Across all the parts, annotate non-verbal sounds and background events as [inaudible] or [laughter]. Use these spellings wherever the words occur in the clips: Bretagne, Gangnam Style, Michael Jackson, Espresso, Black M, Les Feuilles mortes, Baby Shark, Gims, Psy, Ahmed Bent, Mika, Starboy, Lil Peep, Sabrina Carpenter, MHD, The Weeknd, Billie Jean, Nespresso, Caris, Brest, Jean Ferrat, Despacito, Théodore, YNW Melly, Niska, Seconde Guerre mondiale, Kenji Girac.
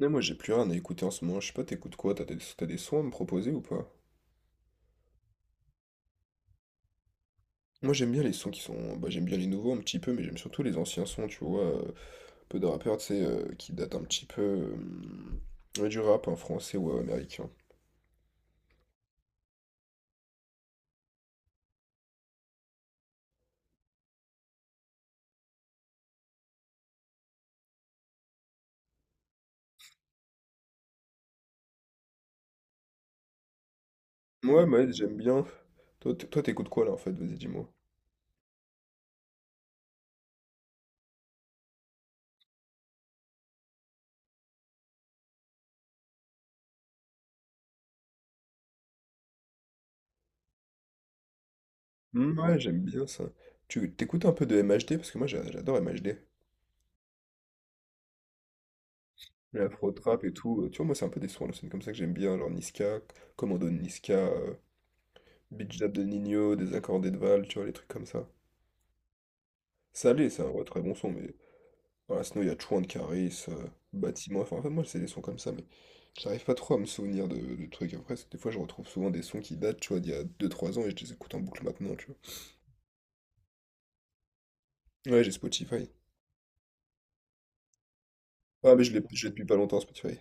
Non, moi j'ai plus rien à écouter en ce moment, je sais pas, t'écoutes quoi? T'as des sons à me proposer ou pas? Moi j'aime bien les sons qui sont. Bah, j'aime bien les nouveaux un petit peu, mais j'aime surtout les anciens sons, tu vois. Peu de rappeurs, tu sais, qui datent un petit peu. Ouais, du rap, hein, français ou américain. Ouais, bah, ouais, j'aime bien. Toi, toi, t'écoutes quoi là en fait? Vas-y, dis-moi. Hmm, ouais, j'aime bien ça. Tu t'écoutes un peu de MHD? Parce que moi j'adore MHD. L'afro-trap et tout. Tu vois, moi c'est un peu des sons à l'ancienne comme ça que j'aime bien, genre Niska, Commando de Niska. Beat Jab de Nino, des accordés de Val, tu vois, les trucs comme ça. Salé, c'est un vrai très bon son, mais voilà, sinon il y a Chouan de Caris, Bâtiment, enfin en fait, moi c'est des sons comme ça, mais j'arrive pas trop à me souvenir de trucs. Après, des fois je retrouve souvent des sons qui datent, tu vois, d'il y a 2 3 ans et je les écoute en boucle maintenant, tu vois. Ouais, j'ai Spotify. Ah, mais je l'ai depuis pas longtemps, Spotify.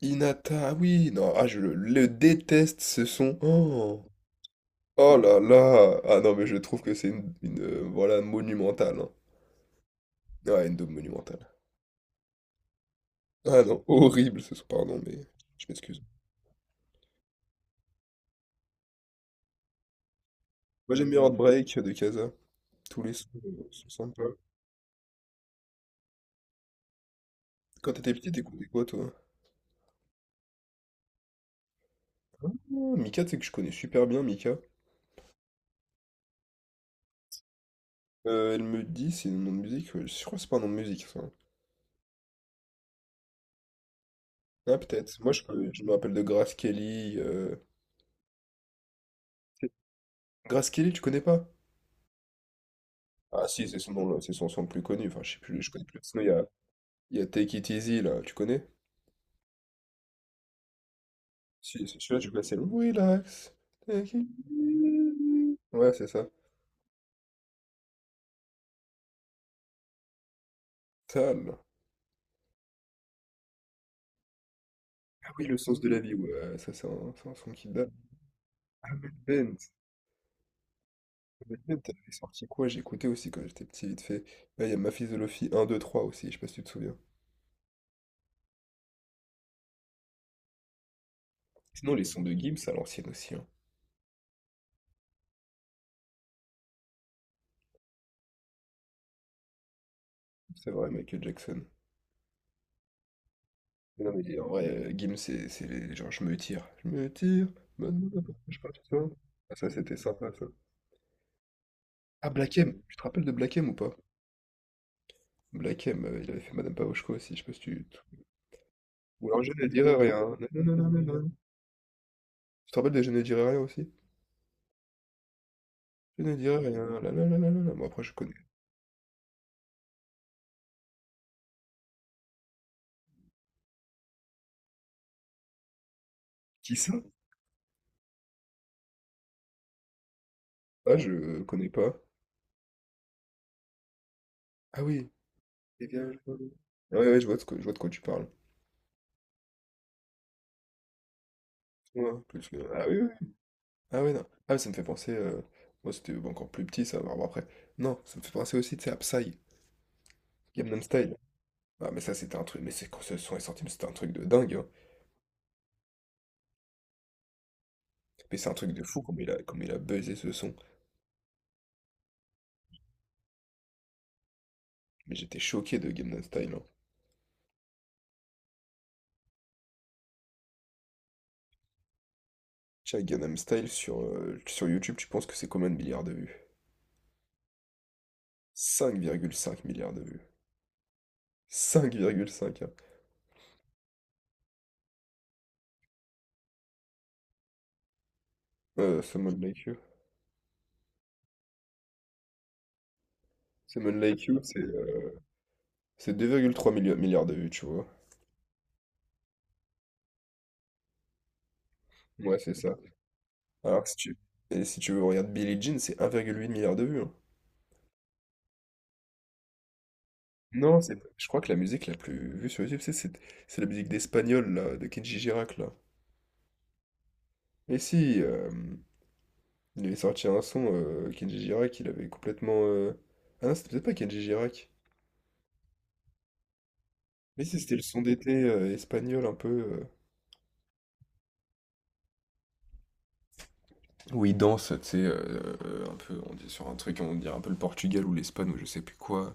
Inata, ah oui, non, ah, le déteste ce son. Oh, oh là là, ah non, mais je trouve que c'est une, voilà, monumentale, hein. Ouais, une daube monumentale. Ah non, horrible ce son, pardon, mais je m'excuse. Moi j'aime bien Heartbreak de Casa. Tous les sons sont sympas. Quand t'étais petit, t'écoutais quoi toi? Ah, Mika, tu sais que je connais super bien Mika. Elle me dit, c'est un nom de musique. Je crois que c'est pas un nom de musique ça. Ah peut-être. Je me rappelle de Grace Kelly. Grace Kelly, tu connais pas? Ah si, c'est son nom, là, c'est son son le plus connu. Enfin, je sais plus, je connais plus. Sinon, il y a Take It Easy là, tu connais? Si, c'est celui-là, tu connais, c'est le Relax. Take it easy. Ouais, c'est ça. Tal. Ah oui, le sens de la vie, ouais, ouais, ça c'est c'est un son qui date. Ahmed Bent, Ahmed Bent, elle avait sorti quoi? J'écoutais aussi quand j'étais petit, vite fait. Là, il y a Ma Philosophie un 2 3 aussi, je sais pas si tu te souviens. Sinon, les sons de Gims à l'ancienne aussi, hein. C'est vrai, Michael Jackson. Mais non, mais en vrai, Gims, c'est les genre, je me tire, maintenant, je pars tout seul. Ah, ça, c'était sympa, ça. Ah, Black M, tu te rappelles de Black M ou pas? Black M, il avait fait Madame Pavoshko aussi, je sais pas si tu... Ou alors, je ne dirai rien. Non, non, non, non, non. Tu te rappelles de Je ne dirai rien aussi? Je ne dis rien. La la la la la la. Bon, après, je connais. Qui ça? Ah, je connais pas. Ah oui. Eh bien, je... vois. Ouais, ouais, je vois de quoi, je vois de quoi tu parles. Ouais, Ah oui, oui. Ah ouais, non. Ah, mais ça me fait penser. Moi, c'était encore plus petit, ça. Bon, après. Non, ça me fait penser aussi, tu sais, à Psy. Gangnam Style. Ah, mais ça, c'était un truc. Mais c'est quand ce son est sorti, mais c'était un truc de dingue, hein. Mais c'est un truc de fou comme comme il a buzzé ce son. Mais j'étais choqué de Gangnam Style, hein. Tu sais, Gangnam Style sur, sur YouTube, tu penses que c'est combien de milliards de vues? 5,5 milliards de vues. 5,5, hein. Someone Like You. Someone Like You, c'est 2,3 milliards de vues, tu vois. Ouais, c'est ça. Alors si tu, et si tu veux, regarder Billie Jean, c'est 1,8 milliard de vues, hein. Non, c'est, je crois que la musique la plus vue sur YouTube, c'est la musique d'Espagnol, là, de Kenji Girac, là. Et si, il avait sorti un son, Kenji Girac, il avait complètement... Ah non, c'était peut-être pas Kenji Girac. Mais si, c'était le son d'été espagnol, un peu... où ils dansent, tu sais, un peu, on dit sur un truc, on dirait un peu le Portugal ou l'Espagne ou je sais plus quoi.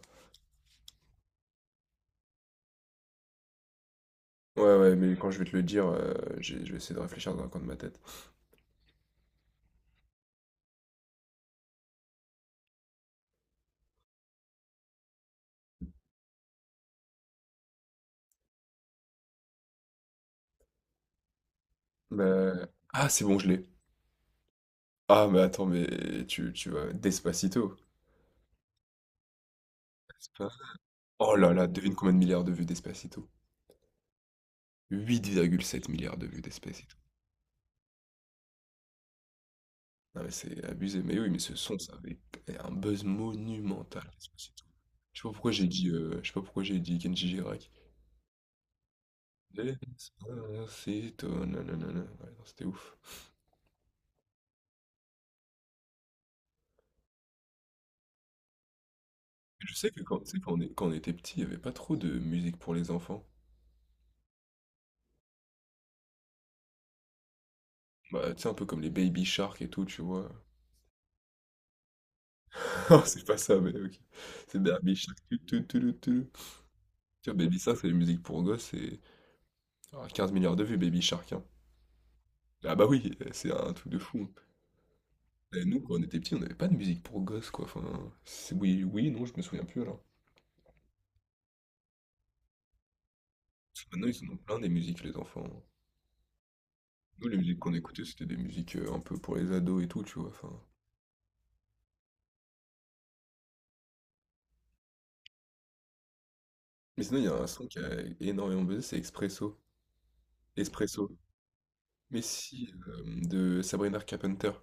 Ouais, ouais, mais quand je vais te le dire, je vais essayer de réfléchir dans un coin de ma tête. Bah... Ah, c'est bon, je l'ai. Ah, mais attends, mais tu vas... Despacito. Despa- Oh là là, devine combien de milliards de vues Despacito? 8,7 milliards de vues Despacito. Non, mais c'est abusé. Mais oui, mais ce son, ça avait un buzz monumental, Despacito. Je sais pas pourquoi j'ai dit, je sais pas pourquoi j'ai dit Kenji Girac. Les Despacito, nanana. Ouais, non, c'était ouf. Je sais que quand, tu sais, quand on était petit, il n'y avait pas trop de musique pour les enfants. Bah, tu sais, un peu comme les Baby Shark et tout, tu vois. [laughs] Non, c'est pas ça, mais ok. C'est Baby Shark. Tu. Tu vois, Baby Shark, c'est les musiques pour gosses. Et ah, 15 milliards de vues, Baby Shark, hein. Ah bah oui, c'est un truc de fou, hein. Et nous, quand on était petits, on n'avait pas de musique pour gosses, quoi. Enfin, oui, oui, non, je me souviens plus alors. Parce que maintenant, ils en ont plein des musiques, les enfants. Nous, les musiques qu'on écoutait, c'était des musiques, un peu pour les ados et tout, tu vois? Enfin, mais sinon, il y a un son qui a énormément buzzé, c'est Expresso. Espresso. Mais si, hem, de Sabrina Carpenter.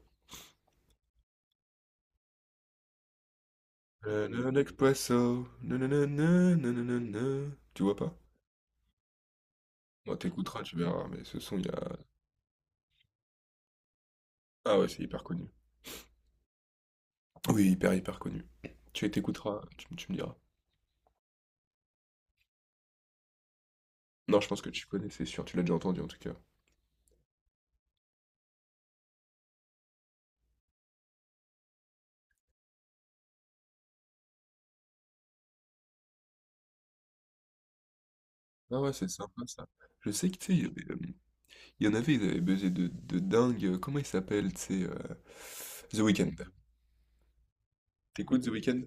Na na Nespresso, na na na na, na na na na. Tu vois pas? Bah, tu écouteras, tu verras, mais ce son, il y a ah ouais, c'est hyper connu. Oui, hyper, hyper connu. Tu écouteras, tu me diras. Non, je pense que tu connais, c'est sûr, tu l'as déjà entendu, en tout cas. Ah ouais, c'est sympa ça. Je sais que, tu sais, il y avait, hem, il y en avait, ils avaient buzzé de dingue. Comment il s'appelle, tu sais, The Weeknd. T'écoutes The Weeknd?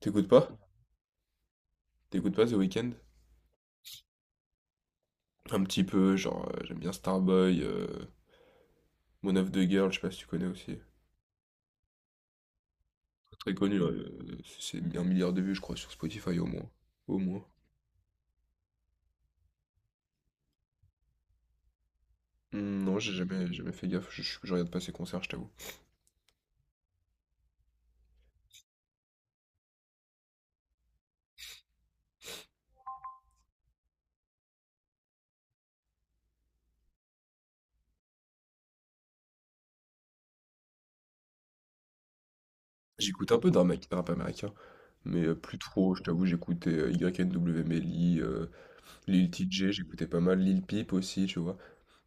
T'écoutes pas? T'écoutes pas The Weeknd? Un petit peu, genre, j'aime bien Starboy, Mon of the Girl, je sais pas si tu connais aussi. Très connu, c'est 1 milliard de vues, je crois, sur Spotify au moins. Au moins. Hmm, non, j'ai jamais, jamais fait gaffe, je regarde pas ces concerts, je t'avoue. J'écoute un peu de rap, rap américain, mais plus trop, je t'avoue, j'écoutais Y N w Melly, Lil T j'écoutais pas mal Lil Peep aussi, tu vois.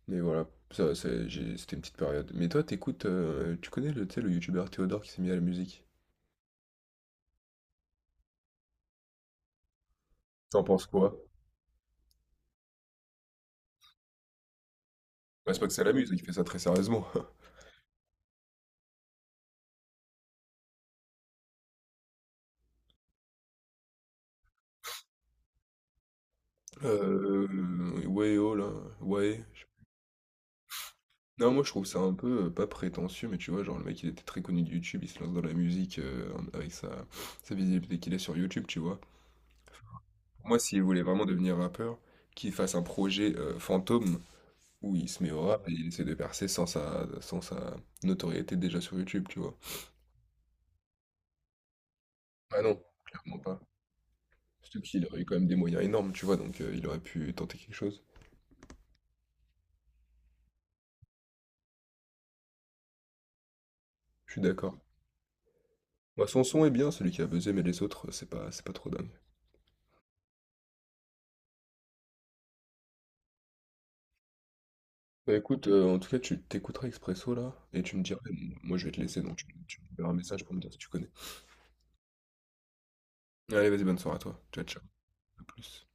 Mais voilà, c'était une petite période. Mais toi, t'écoutes, tu connais le, tu sais, le youtubeur Théodore qui s'est mis à la musique? T'en penses quoi? Bah, c'est pas que c'est la musique, il fait ça très sérieusement. [laughs] Euh, ouais, oh là, ouais. Non, moi je trouve ça un peu pas prétentieux, mais tu vois, genre le mec il était très connu de YouTube, il se lance dans la musique avec sa visibilité qu'il a sur YouTube, tu vois. Moi, s'il voulait vraiment devenir rappeur, qu'il fasse un projet fantôme où il se met au rap et il essaie de percer sans sa, sans sa notoriété déjà sur YouTube, tu vois. Ah non, clairement pas. Surtout qu'il aurait eu quand même des moyens énormes, tu vois, donc il aurait pu tenter quelque chose. Je suis d'accord. Moi son son est bien, celui qui a buzzé, mais les autres, c'est pas trop dingue. Bah écoute, en tout cas, tu t'écouteras Expresso là, et tu me diras, bon, moi je vais te laisser, donc tu me verras un message pour me dire si tu connais. Allez, vas-y, bonne soirée à toi. Ciao, ciao, à plus.